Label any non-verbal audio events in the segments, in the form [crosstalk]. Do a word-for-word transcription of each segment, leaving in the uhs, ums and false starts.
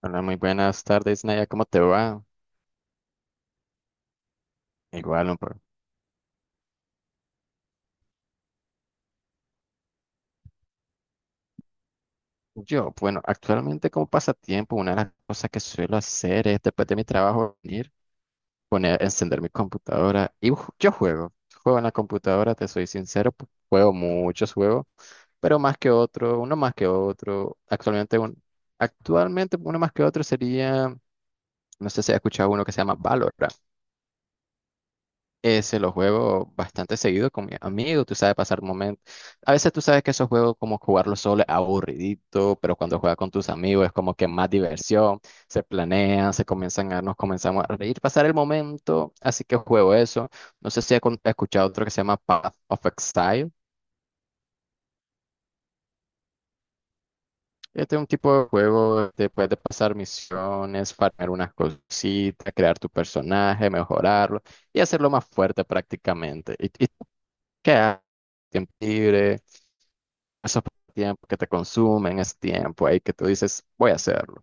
Hola, muy buenas tardes, Naya. ¿Cómo te va? Igual, un poco. Yo, bueno, actualmente como pasatiempo, una de las cosas que suelo hacer es después de mi trabajo venir poner, encender mi computadora y ju- yo juego. Juego en la computadora, te soy sincero, pu- juego muchos juegos, pero más que otro, uno más que otro. Actualmente, un, actualmente uno más que otro sería, no sé si has escuchado uno que se llama Valorant. Eh, se los juego bastante seguido con mi amigo, tú sabes, pasar momentos. A veces tú sabes que esos juegos, como jugarlo solo es aburridito, pero cuando juegas con tus amigos es como que más diversión, se planean, se comienzan a, nos comenzamos a reír, pasar el momento, así que juego eso. No sé si has con- escuchado otro que se llama Path of Exile. Este es un tipo de juego de puedes pasar misiones, farmear unas cositas, crear tu personaje, mejorarlo y hacerlo más fuerte prácticamente. ¿Y, y tú qué haces? ¿Tiempo libre? Eso fue tiempo que te consumen, es tiempo ahí que tú dices, voy a hacerlo.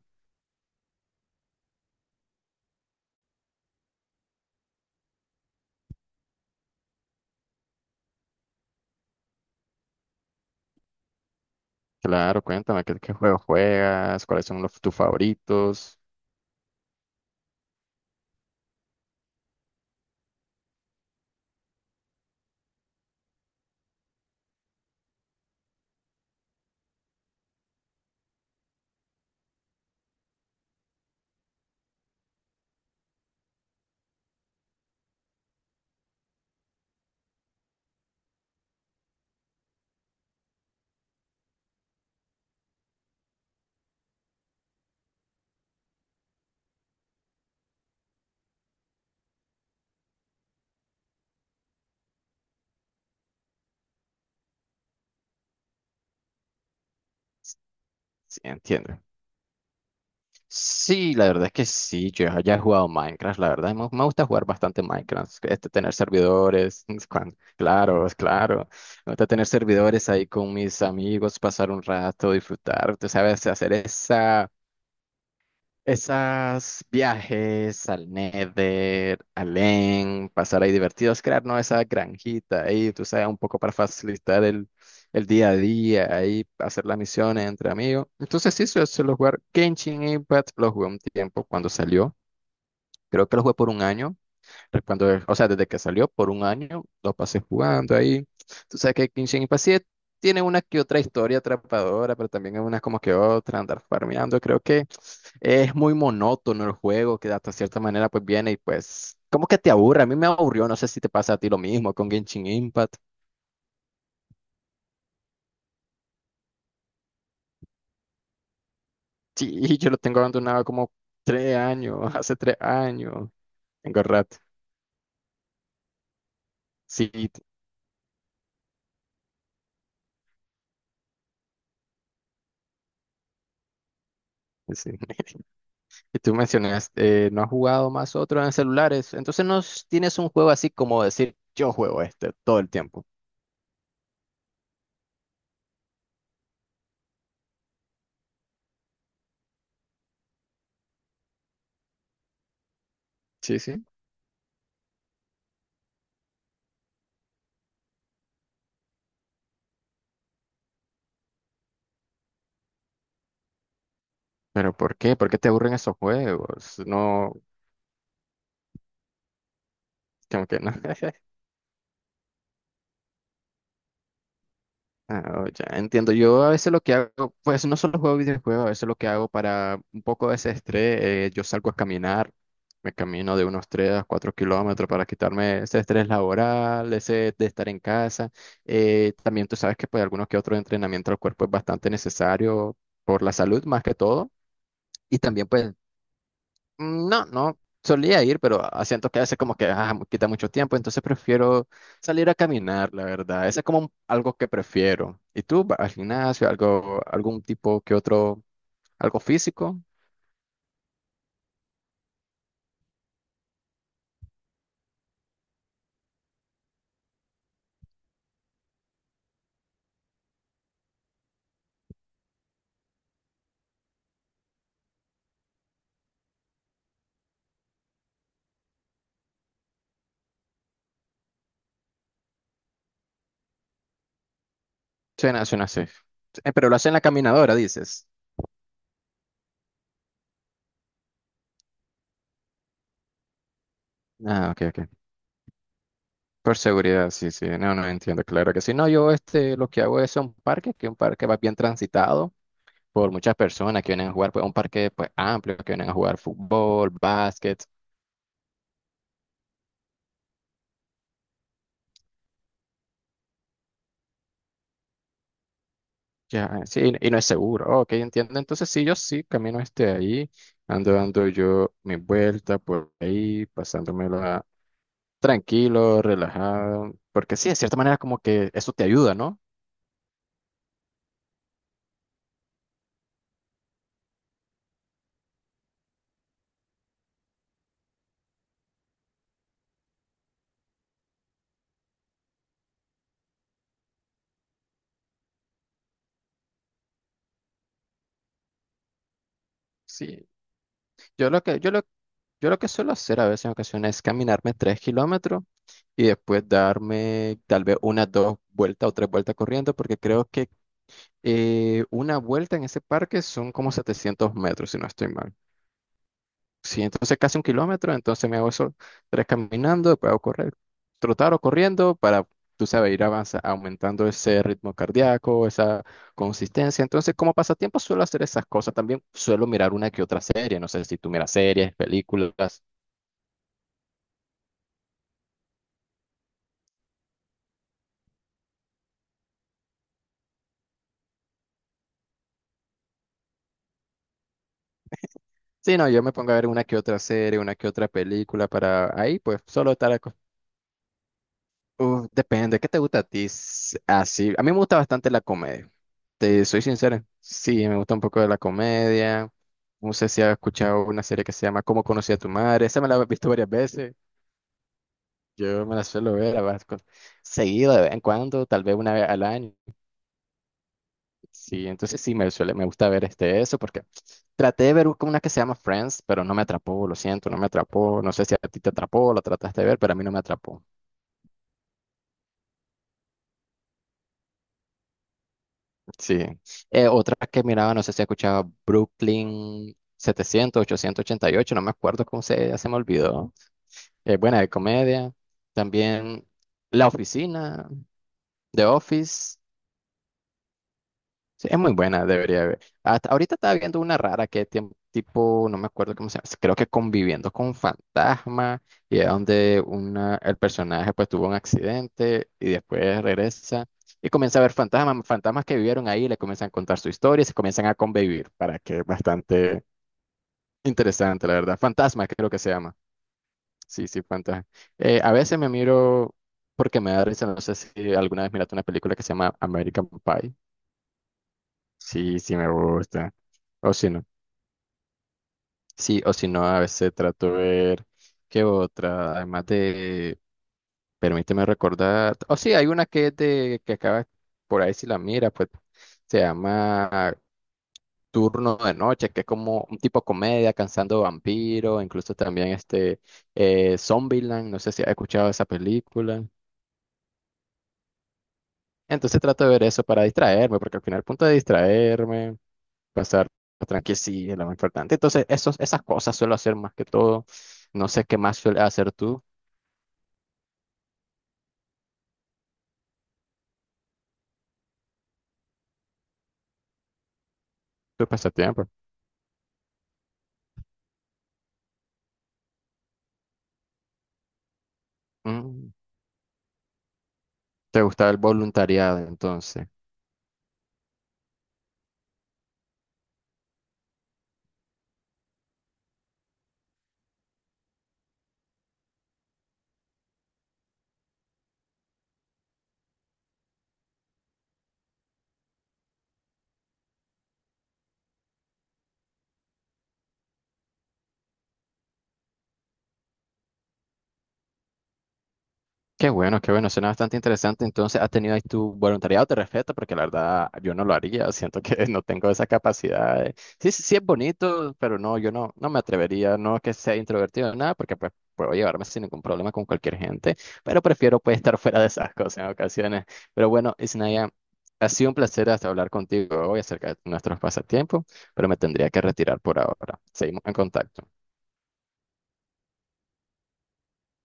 Claro, cuéntame qué, qué juego juegas, cuáles son los, tus favoritos. Sí, entiendo. Sí, la verdad es que sí, yo ya he jugado Minecraft, la verdad, me, me gusta jugar bastante Minecraft, este, tener servidores, [laughs] cuan- claro, es claro, me gusta tener servidores ahí con mis amigos, pasar un rato, disfrutar, tú sabes, hacer esa, esas viajes al Nether, al Len, pasar ahí divertidos, crear, ¿no? Esa granjita ahí, tú sabes, un poco para facilitar el, el día a día, ahí hacer las misiones entre amigos. Entonces sí, suelo, suelo jugar Genshin Impact, lo jugué un tiempo cuando salió, creo que lo jugué por un año, re- cuando, o sea, desde que salió, por un año lo pasé jugando ahí. Tú sabes que Genshin Impact sí tiene una que otra historia atrapadora, pero también hay unas como que otra, andar farmeando, creo que… Es muy monótono el juego, que hasta cierta manera pues viene y pues como que te aburre. A mí me aburrió, no sé si te pasa a ti lo mismo con Genshin Impact. [laughs] Sí, yo lo tengo abandonado como tres años, [laughs] hace tres años. Tengo rato. Sí, t- sí. [laughs] Y tú mencionaste, eh, no has jugado más otro en celulares, entonces no s- tienes un juego así como decir, yo juego este todo el tiempo. Sí, sí. ¿Pero por qué? ¿Por qué te aburren esos juegos? No, como que no. Ah, oh, ya entiendo. Yo a veces lo que hago, pues no solo juego videojuegos, a veces lo que hago para un poco de ese estrés, eh, yo salgo a caminar, me camino de unos tres a cuatro kilómetros para quitarme ese estrés laboral, ese de estar en casa. Eh, también tú sabes que pues algunos que otro entrenamiento al cuerpo es bastante necesario por la salud más que todo. Y también pues mm, no, no solía ir, pero ah, siento que a veces como que ah, mu- quita mucho tiempo, entonces prefiero salir a caminar, la verdad. Eso es como un- algo que prefiero. ¿Y tú vas al gimnasio, algo, algún tipo que otro, algo físico? Suena, suena así. Eh, pero lo hacen en la caminadora, dices. Ah, ok, ok. Por seguridad, sí, sí. No, no entiendo, claro que sí. No, yo este, lo que hago es un parque, que un parque va bien transitado por muchas personas que vienen a jugar, pues un parque pues amplio, que vienen a jugar fútbol, básquet. Ya, sí, y y no es seguro. Ok, entiendo. Entonces, sí, yo sí camino este ahí, ando dando yo mi vuelta por ahí, pasándomela tranquilo, relajado, porque sí, de cierta manera como que eso te ayuda, ¿no? Sí. Yo lo que, yo lo, yo lo que suelo hacer a veces en ocasiones es caminarme tres kilómetros y después darme tal vez unas dos vueltas o tres vueltas corriendo, porque creo que eh, una vuelta en ese parque son como setecientos metros, si no estoy mal. Sí, entonces casi un kilómetro, entonces me hago eso tres caminando, después hago correr, trotar o corriendo para, tú sabes, ir avanza, aumentando ese ritmo cardíaco, esa consistencia. Entonces, como pasatiempo suelo hacer esas cosas. También suelo mirar una que otra serie. No sé si tú miras series, películas. Sí, no, yo me pongo a ver una que otra serie, una que otra película para ahí, pues solo estar. Uf, depende, ¿qué te gusta a ti? S- Así, a mí me gusta bastante la comedia. Te soy sincero. Sí, me gusta un poco de la comedia. No sé si has escuchado una serie que se llama ¿Cómo conocí a tu madre? Esa me la he visto varias veces. Yo me la suelo ver a vas- con- seguido de vez en cuando, tal vez una vez al año. Sí, entonces sí me suele, me gusta ver este eso porque traté de ver u- una que se llama Friends, pero no me atrapó, lo siento, no me atrapó. No sé si a ti te atrapó, la trataste de ver, pero a mí no me atrapó. Sí. Eh, otra que miraba, no sé si escuchaba Brooklyn setecientos, ochocientos ochenta y ocho, no me acuerdo cómo se, ya se me olvidó. Eh, buena de comedia. También La Oficina, The Office. Sí, es muy buena, debería ver. Hasta ahorita estaba viendo una rara que tiem- tipo, no me acuerdo cómo se llama, creo que conviviendo con fantasma, y es donde una, el personaje pues tuvo un accidente y después regresa y comienza a ver fantasmas, fantasmas que vivieron ahí, le comienzan a contar su historia y se comienzan a convivir, para que es bastante interesante, la verdad. Fantasma creo que se llama. Sí, sí, fantasma. Eh, a veces me miro porque me da risa, no sé si alguna vez miraste una película que se llama American Pie. Sí, sí me gusta. O si no, sí, o si no, a veces trato de ver qué otra, además de, permíteme recordar, o sí, hay una que es de, que acaba, por ahí si la mira, pues se llama Turno de Noche, que es como un tipo comedia, cansando vampiros, incluso también este, eh, Zombieland, no sé si has escuchado esa película. Entonces trato de ver eso para distraerme, porque al final el punto de distraerme, pasar tranqui, sí es lo más importante. Entonces, esos, esas cosas suelo hacer más que todo. No sé qué más suele hacer tú, tu pasatiempo. Mm, ¿te gusta el voluntariado entonces? Qué bueno, qué bueno, suena bastante interesante. Entonces, ¿has tenido ahí tu voluntariado? Te respeto porque la verdad yo no lo haría. Siento que [laughs] no tengo esa capacidad. de- Sí, sí, sí es bonito, pero no, yo no, no me atrevería. No es que sea introvertido, nada, porque pues puedo llevarme sin ningún problema con cualquier gente, pero prefiero pues estar [laughs] fuera de esas cosas en ocasiones. Pero bueno, Isnaya, ha sido un placer hasta hablar contigo hoy acerca de nuestros pasatiempos, pero me tendría que retirar por ahora. Seguimos en contacto.